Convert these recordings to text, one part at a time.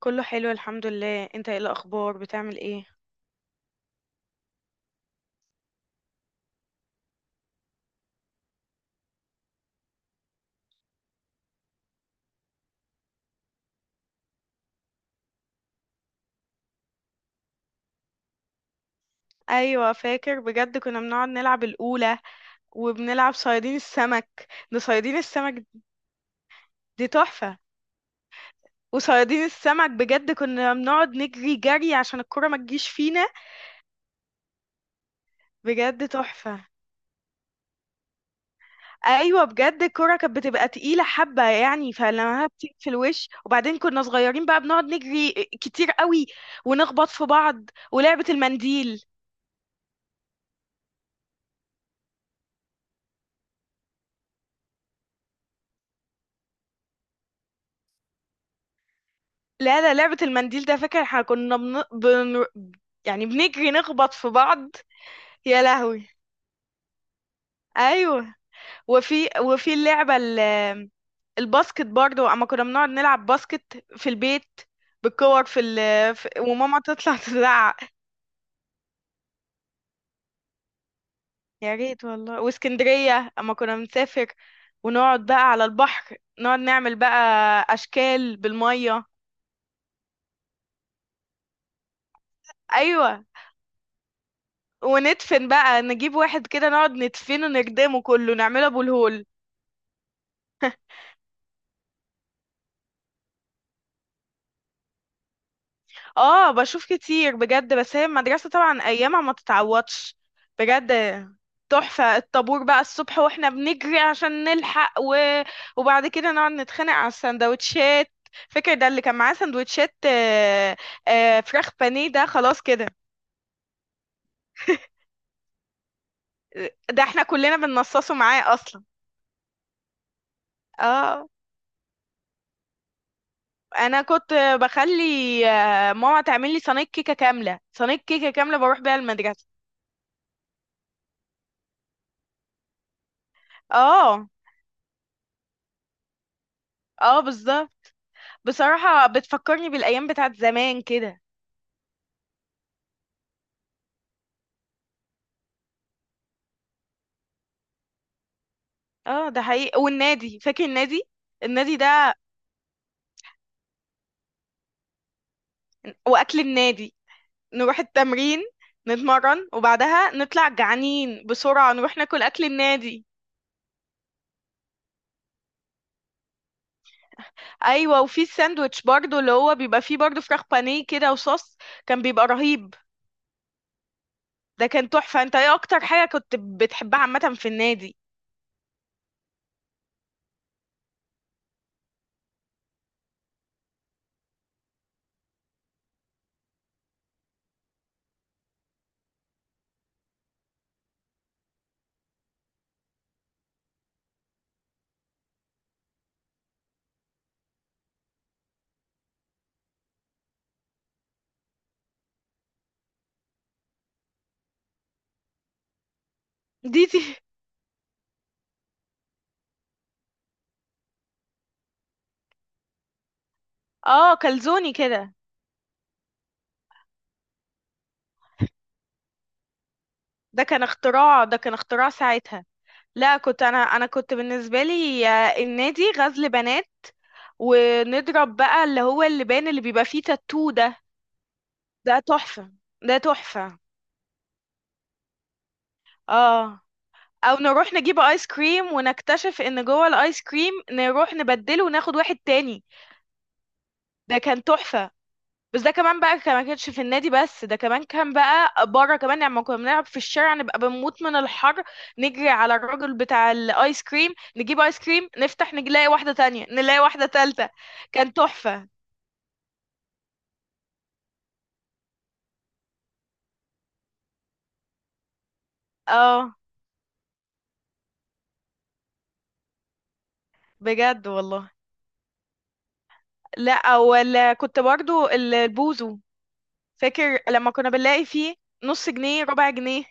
كله حلو، الحمد لله. انت ايه الاخبار، بتعمل ايه؟ ايوه فاكر، بجد كنا بنقعد نلعب الاولى وبنلعب صيادين السمك. ده صيادين السمك. دي تحفه. وصيادين السمك بجد كنا بنقعد نجري جري عشان الكرة ما تجيش فينا. بجد تحفه. ايوه بجد الكرة كانت بتبقى تقيله حبه يعني، فلما بتيجي في الوش وبعدين كنا صغيرين بقى بنقعد نجري كتير قوي ونخبط في بعض ولعبه المنديل. لا لا، لعبة المنديل ده فاكر احنا كنا يعني بنجري نخبط في بعض. يا لهوي. ايوه. وفي اللعبة الباسكت برضه اما كنا بنقعد نلعب باسكت في البيت بالكور في وماما تطلع تزعق. يا ريت والله، واسكندرية اما كنا بنسافر ونقعد بقى على البحر نقعد نعمل بقى اشكال بالمية. ايوه. وندفن بقى نجيب واحد كده نقعد ندفنه نردمه كله نعمله ابو الهول. اه بشوف كتير بجد، بس هي المدرسة طبعا ايامها ما تتعوضش. بجد تحفة الطابور بقى الصبح واحنا بنجري عشان نلحق، وبعد كده نقعد نتخانق على السندوتشات. فاكر ده اللي كان معاه سندوتشات، فراخ بانيه، ده خلاص كده. ده احنا كلنا بننصصه معاه اصلا. اه، انا كنت بخلي ماما تعمل لي صينية كيكة كاملة، صينية كيكة كاملة بروح بيها المدرسة. اه اه بالظبط. بصراحة بتفكرني بالأيام بتاعت زمان كده. اه ده حقيقي. والنادي، فاكر النادي؟ النادي ده وأكل النادي. نروح التمرين نتمرن وبعدها نطلع جعانين بسرعة نروح ناكل أكل النادي. أيوة. وفي الساندوتش برضو اللي هو بيبقى فيه برضو فراخ بانيه كده وصوص، كان بيبقى رهيب. ده كان تحفة. انت ايه أكتر حاجة كنت بتحبها عامة في النادي؟ دي دي. اه كلزوني كده. ده كان اختراع، ده كان اختراع ساعتها. لا، كنت انا كنت بالنسبه لي النادي غزل بنات، ونضرب بقى اللي هو اللبان اللي بيبقى فيه تاتو ده. ده تحفه. ده تحفه. اه. او نروح نجيب ايس كريم ونكتشف ان جوه الايس كريم نروح نبدله وناخد واحد تاني. ده كان تحفه. بس ده كمان بقى ما كانش في النادي بس، ده كمان كان بقى بره كمان يعني، لما كنا بنلعب في الشارع نبقى بنموت من الحر نجري على الراجل بتاع الايس كريم، نجيب ايس كريم نفتح نلاقي واحدة تانية، نلاقي واحدة تالتة. كان تحفة. اه بجد والله. لا، ولا كنت برضو البوزو، فاكر لما كنا بنلاقي فيه نص جنيه، ربع جنيه؟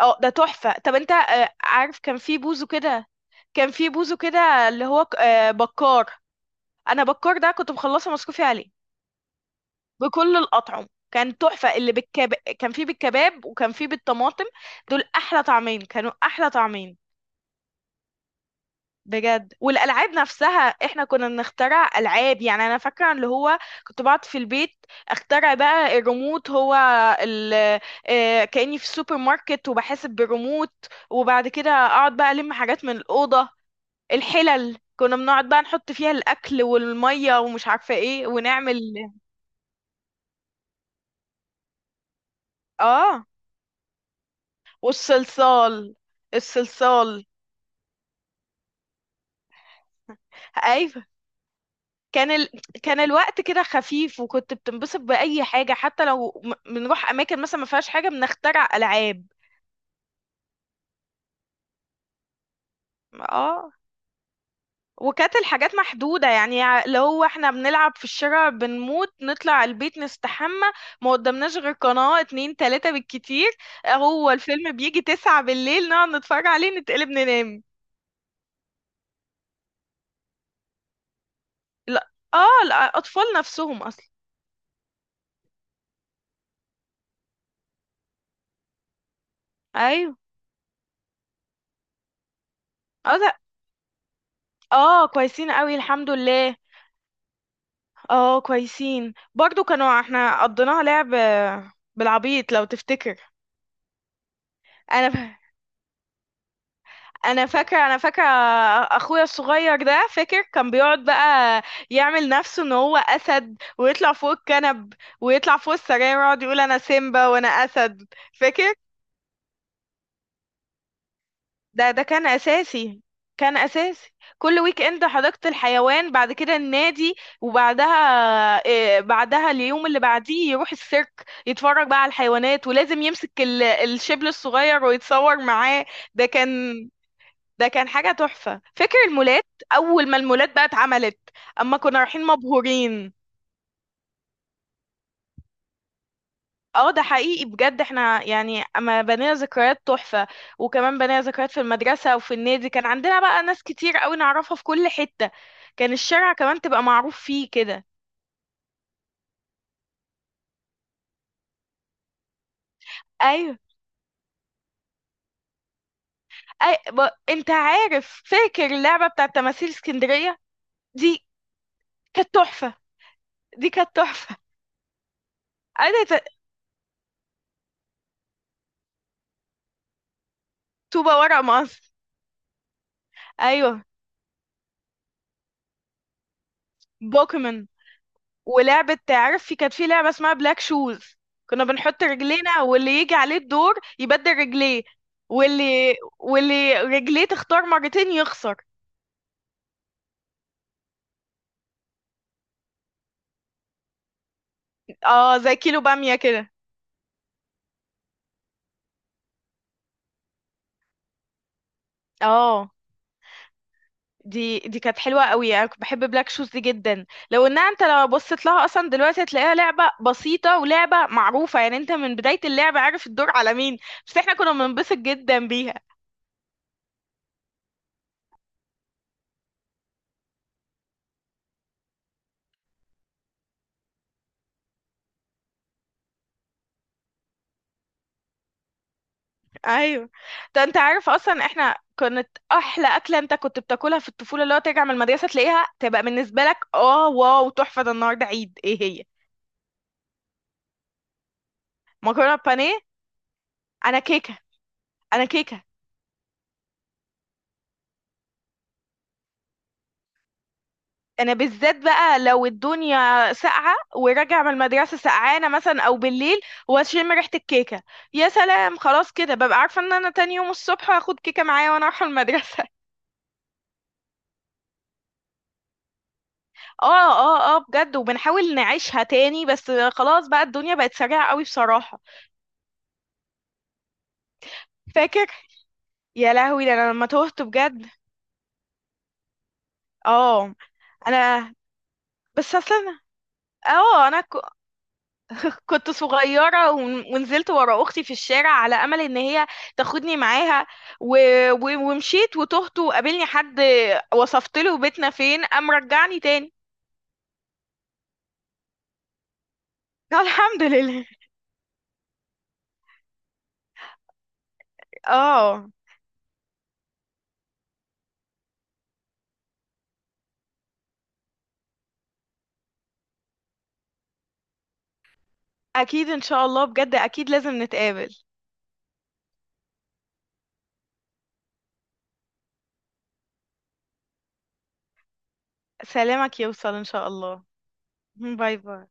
اه ده تحفة. طب انت عارف كان في بوزو كده، كان في بوزو كده اللي هو بكار. انا بكار ده كنت مخلصة مصروفي عليه بكل الأطعم، كان تحفة. اللي كان فيه بالكباب وكان فيه بالطماطم. دول أحلى طعمين، كانوا أحلى طعمين. بجد. والألعاب نفسها احنا كنا بنخترع ألعاب، يعني أنا فاكرة اللي هو كنت بقعد في البيت اخترع بقى الريموت هو ال... كأني في السوبر ماركت وبحاسب بالريموت. وبعد كده أقعد بقى ألم حاجات من الأوضة، الحلل كنا بنقعد بقى نحط فيها الأكل والمية ومش عارفة ايه ونعمل. اه والصلصال. الصلصال. ايوه. كان ال... كان الوقت كده خفيف، وكنت بتنبسط باي حاجه حتى لو بنروح اماكن مثلا ما فيهاش حاجه بنخترع العاب. اه. وكانت الحاجات محدوده يعني، لو هو احنا بنلعب في الشارع بنموت نطلع البيت نستحمى. ما قدامناش غير قناه اتنين تلاته بالكتير، هو الفيلم بيجي تسعة بالليل نقعد نتفرج عليه نتقلب ننام. لا، اه، الاطفال نفسهم اصلا. ايوه. اه. لا. اه كويسين قوي الحمد لله. اه كويسين برضو. كانوا احنا قضيناها لعب بالعبيط لو تفتكر. انا ف... انا فاكره. انا فاكره. اخويا الصغير ده فاكر كان بيقعد بقى يعمل نفسه ان هو اسد ويطلع فوق الكنب ويطلع فوق السراير ويقعد يقول انا سيمبا وانا اسد. فاكر. ده كان اساسي. كان اساسي. كل ويك اند حديقة الحيوان، بعد كده النادي وبعدها إيه بعدها؟ اليوم اللي بعديه يروح السيرك يتفرج بقى على الحيوانات، ولازم يمسك الشبل الصغير ويتصور معاه. ده كان ده كان حاجة تحفة. فاكر المولات؟ اول ما المولات بقى اتعملت اما كنا رايحين مبهورين. اه ده حقيقي بجد. احنا يعني اما بنينا ذكريات تحفة، وكمان بنينا ذكريات في المدرسة وفي النادي، كان عندنا بقى ناس كتير قوي نعرفها في كل حتة. كان الشارع كمان تبقى معروف فيه كده. ايوه. انت عارف، فاكر اللعبة بتاعة تماثيل اسكندرية؟ دي كانت تحفة. دي كانت تحفة. انا ت- طوبة ورق مقص. ايوه بوكيمون. ولعبة، عارف في كانت في لعبة اسمها بلاك شوز، كنا بنحط رجلينا واللي يجي عليه الدور يبدل رجليه. واللي رجليه تختار مرتين يخسر. اه زي كيلو بامية كده. اه. دي كانت حلوة قوي. انا كنت بحب بلاك شوز دي جدا، لو انها انت لو بصيت لها اصلا دلوقتي هتلاقيها لعبة بسيطة ولعبة معروفة يعني، انت من بداية اللعبة عارف الدور على مين. بس احنا كنا بننبسط جدا بيها. ايوه. ده انت عارف اصلا احنا كانت احلى اكله انت كنت بتاكلها في الطفوله، اللي هو ترجع من المدرسه تلاقيها تبقى بالنسبه لك اه واو تحفه، ده النهارده عيد. ايه هي؟ مكرونه بانيه. انا كيكه. انا كيكه. انا بالذات بقى لو الدنيا ساقعه وراجع من المدرسه سقعانه مثلا او بالليل واشم ريحه الكيكه، يا سلام، خلاص كده ببقى عارفه ان انا تاني يوم الصبح هاخد كيكه معايا وانا رايحه المدرسه. اه اه اه بجد، وبنحاول نعيشها تاني، بس خلاص بقى الدنيا بقت سريعه قوي بصراحه. فاكر. يا لهوي، ده انا لما تهت بجد. اه. انا. بس اصلا اه كنت صغيره ونزلت ورا اختي في الشارع على امل ان هي تاخدني معاها، و... ومشيت وتهت وقابلني حد، وصفت له بيتنا فين قام رجعني تاني. الحمد لله. اه اكيد ان شاء الله، بجد اكيد لازم نتقابل. سلامك يوصل ان شاء الله. باي باي.